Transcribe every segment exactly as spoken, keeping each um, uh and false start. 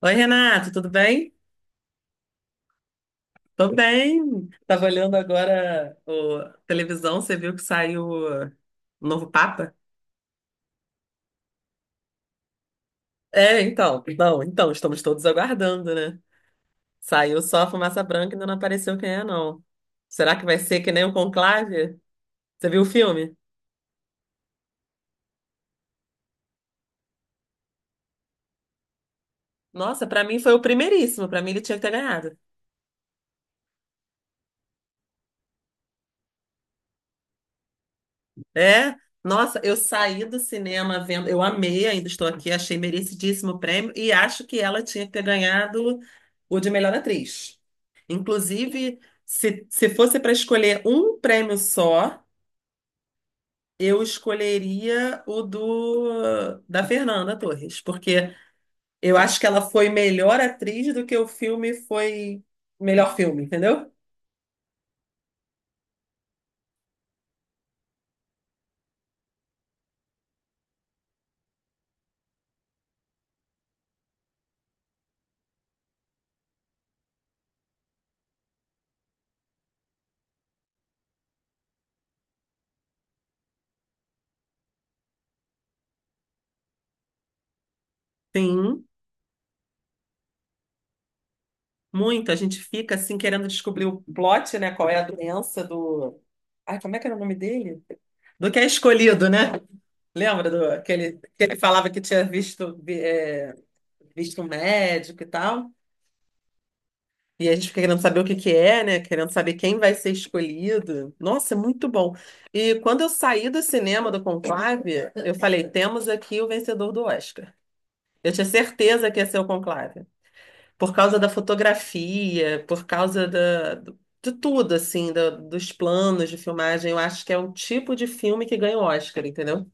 Oi, Renato, tudo bem? Tô bem. Tava olhando agora o a televisão, você viu que saiu o novo Papa? É, então, não, então, estamos todos aguardando, né? Saiu só a fumaça branca e ainda não apareceu quem é, não. Será que vai ser que nem o Conclave? Você viu o filme? Nossa, pra mim foi o primeiríssimo, pra mim ele tinha que ter ganhado. É, nossa, eu saí do cinema vendo, eu amei, ainda estou aqui, achei merecidíssimo o prêmio e acho que ela tinha que ter ganhado o de melhor atriz. Inclusive, se, se fosse para escolher um prêmio só, eu escolheria o do da Fernanda Torres, porque eu acho que ela foi melhor atriz do que o filme foi melhor filme, entendeu? Sim. Muito, a gente fica assim querendo descobrir o plot, né? Qual é a doença do. Ai, como é que era o nome dele? Do que é escolhido, né? Lembra do que ele, que ele falava que tinha visto, vi- é, visto um médico e tal? E a gente fica querendo saber o que que é, né? Querendo saber quem vai ser escolhido. Nossa, é muito bom. E quando eu saí do cinema do Conclave, eu falei: temos aqui o vencedor do Oscar. Eu tinha certeza que ia ser o Conclave por causa da fotografia, por causa da, do- de tudo, assim, da- dos planos de filmagem. Eu acho que é o tipo de filme que ganha o Oscar, entendeu?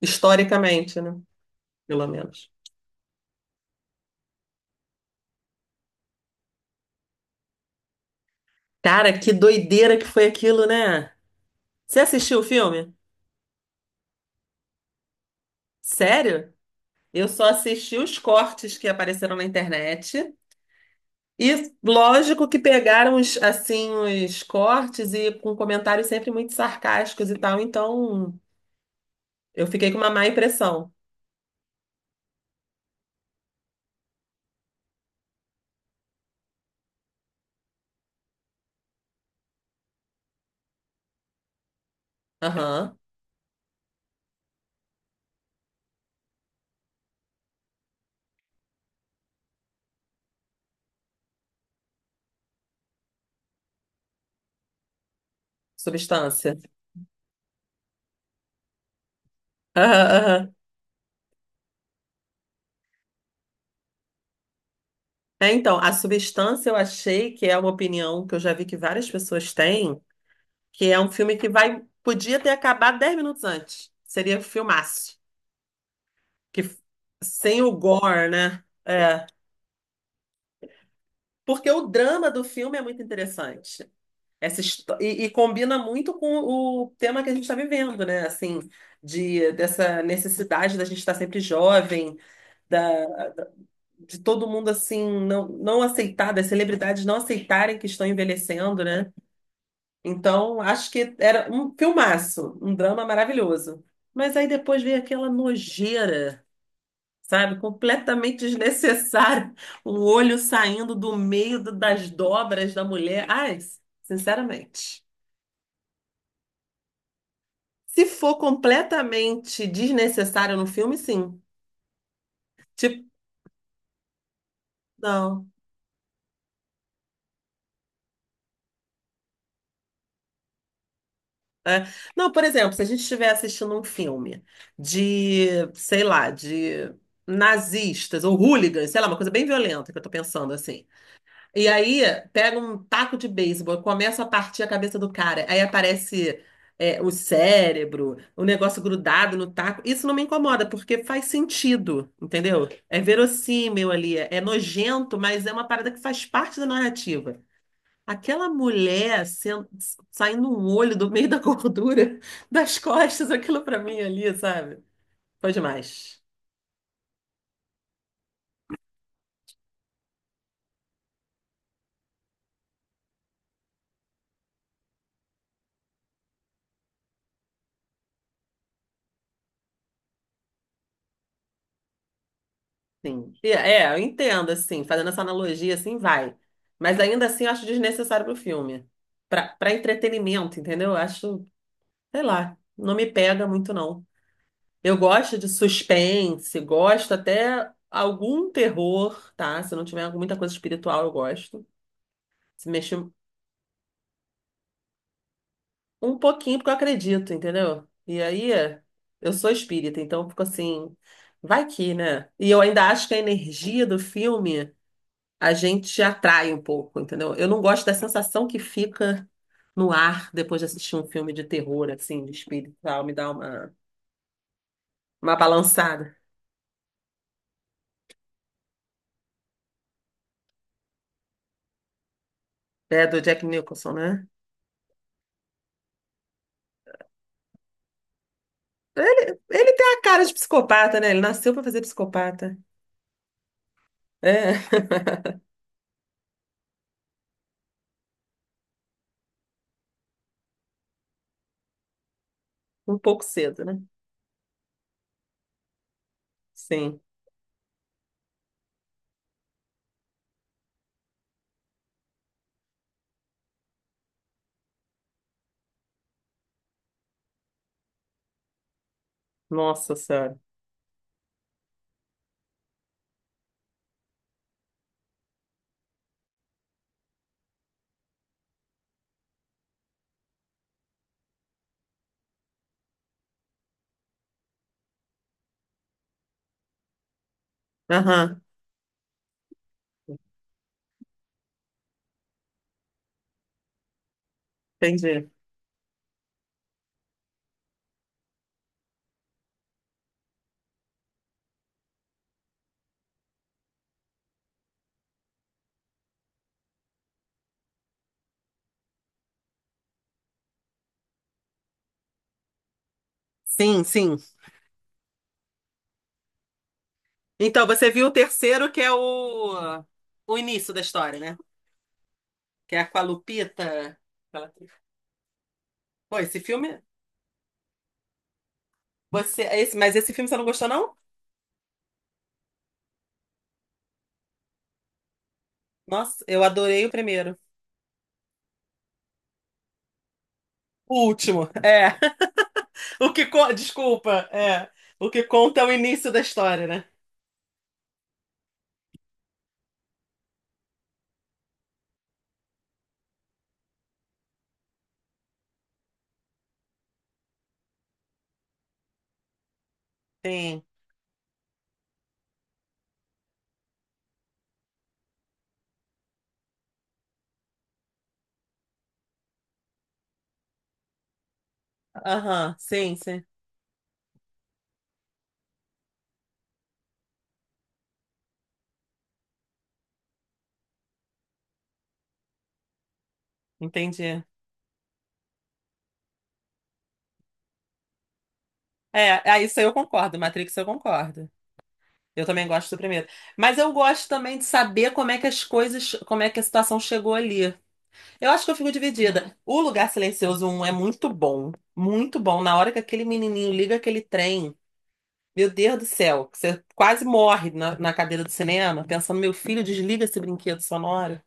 Historicamente, né? Pelo menos. Cara, que doideira que foi aquilo, né? Você assistiu o filme? Sério? Eu só assisti os cortes que apareceram na internet. E lógico que pegaram os, assim, os cortes e com comentários sempre muito sarcásticos e tal, então eu fiquei com uma má impressão. Aham. Substância. Aham, aham. É, então, a substância eu achei que é uma opinião que eu já vi que várias pessoas têm, que é um filme que vai, podia ter acabado dez minutos antes. Seria um filmaço. Que, f- sem o gore, né? É. Porque o drama do filme é muito interessante. Essa histó- e, e combina muito com o tema que a gente está vivendo, né? Assim, de, dessa necessidade da gente estar sempre jovem, de todo mundo assim não, não aceitar, das celebridades não aceitarem que estão envelhecendo, né? Então, acho que era um filmaço, um drama maravilhoso. Mas aí depois veio aquela nojeira, sabe? Completamente desnecessária. O olho saindo do meio do- das dobras da mulher. Ai, sinceramente. Se for completamente desnecessário no filme, sim. Tipo, não. É. Não, por exemplo, se a gente estiver assistindo um filme de, sei lá, de nazistas ou hooligans, sei lá, uma coisa bem violenta que eu tô pensando assim. E aí pega um taco de beisebol, começa a partir a cabeça do cara, aí aparece é, o cérebro, o negócio grudado no taco. Isso não me incomoda, porque faz sentido, entendeu? É verossímil ali, é é nojento, mas é uma parada que faz parte da narrativa. Aquela mulher sen- saindo um olho do meio da gordura das costas, aquilo pra mim ali, sabe? Foi demais. Sim. E é, eu entendo, assim, fazendo essa analogia, assim, vai. Mas ainda assim, eu acho desnecessário pro filme. Pra, pra entretenimento, entendeu? Eu acho, sei lá, não me pega muito, não. Eu gosto de suspense, gosto até algum terror, tá? Se não tiver muita coisa espiritual, eu gosto. Se mexer, um pouquinho, porque eu acredito, entendeu? E aí, é, eu sou espírita, então eu fico assim, vai que, né? E eu ainda acho que a energia do filme a gente atrai um pouco, entendeu? Eu não gosto da sensação que fica no ar depois de assistir um filme de terror, assim, de espírito, e tal, me dá uma, uma balançada. É, do Jack Nicholson, né? Ele, ele tem a cara de psicopata, né? Ele nasceu pra fazer psicopata. É, um pouco cedo, né? Sim. Nossa Senhora. Aham, entendi. Sim, sim. Então, você viu o terceiro, que é o, o início da história, né? Que é com a Lupita. Ela- Pô, esse filme. Você, é esse, mas esse filme você não gostou, não? Nossa, eu adorei o primeiro. O último, é. O que. co- Desculpa, é. O que conta é o início da história, né? Sim. Aham, sim, sim. Entendi. É, é, isso aí eu concordo. Matrix eu concordo. Eu também gosto do primeiro. Mas eu gosto também de saber como é que as coisas, como é que a situação chegou ali. Eu acho que eu fico dividida. O Lugar Silencioso um é muito bom. Muito bom. Na hora que aquele menininho liga aquele trem, meu Deus do céu, que você quase morre na, na cadeira do cinema, pensando, meu filho, desliga esse brinquedo sonoro.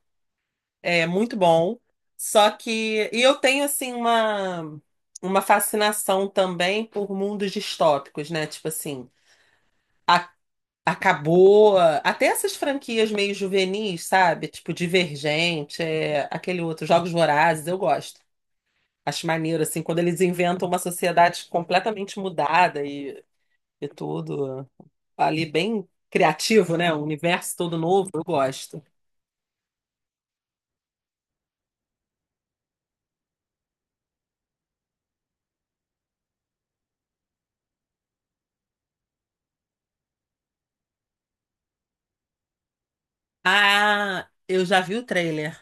É muito bom. Só que. E eu tenho, assim, uma, uma fascinação também por mundos distópicos, né? Tipo assim. a- Acabou. Até essas franquias meio juvenis, sabe? Tipo Divergente, é, aquele outro, Jogos Vorazes, eu gosto. Acho maneiro, assim, quando eles inventam uma sociedade completamente mudada e, e tudo ali bem criativo, né? Um universo todo novo, eu gosto. Ah, eu já vi o trailer.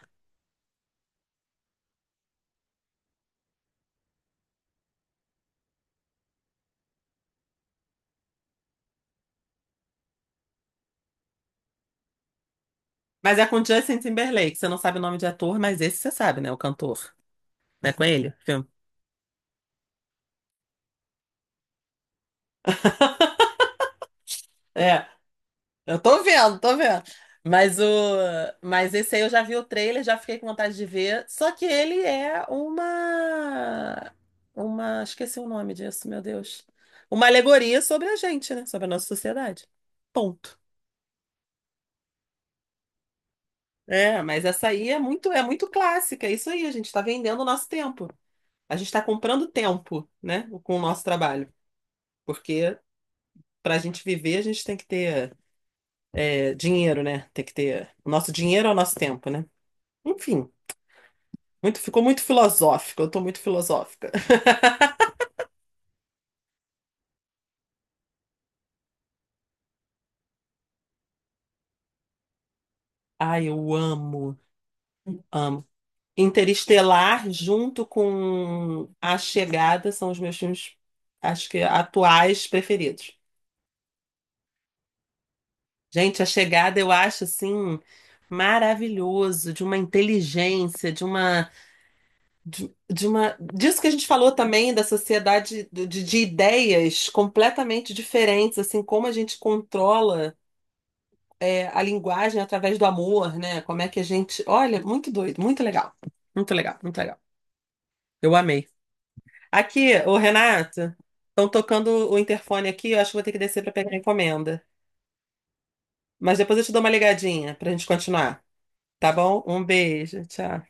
Mas é com Justin Timberlake, você não sabe o nome de ator, mas esse você sabe, né? O cantor. Não é com ele? O filme? É. Eu tô vendo, tô vendo. Mas o, mas esse aí eu já vi o trailer, já fiquei com vontade de ver. Só que ele é uma, uma, esqueci o nome disso, meu Deus. Uma alegoria sobre a gente, né? Sobre a nossa sociedade. Ponto. É, mas essa aí é muito, é muito clássica. É isso aí, a gente está vendendo o nosso tempo. A gente está comprando tempo, né? Com o nosso trabalho. Porque para a gente viver, a gente tem que ter é, dinheiro, né? Tem que ter. O nosso dinheiro é o nosso tempo, né? Enfim. Muito, ficou muito filosófico, eu tô muito filosófica. Ai, eu amo, amo. Interestelar, junto com A Chegada, são os meus filmes, acho que atuais preferidos. Gente, A Chegada eu acho assim maravilhoso, de uma inteligência, de uma, de, de uma, disso que a gente falou também da sociedade de, de de ideias completamente diferentes, assim, como a gente controla é, a linguagem através do amor, né? Como é que a gente. Olha, muito doido, muito legal. Muito legal, muito legal. Eu amei. Aqui, ô Renato, estão tocando o interfone aqui, eu acho que vou ter que descer para pegar a encomenda. Mas depois eu te dou uma ligadinha pra gente continuar, tá bom? Um beijo, tchau.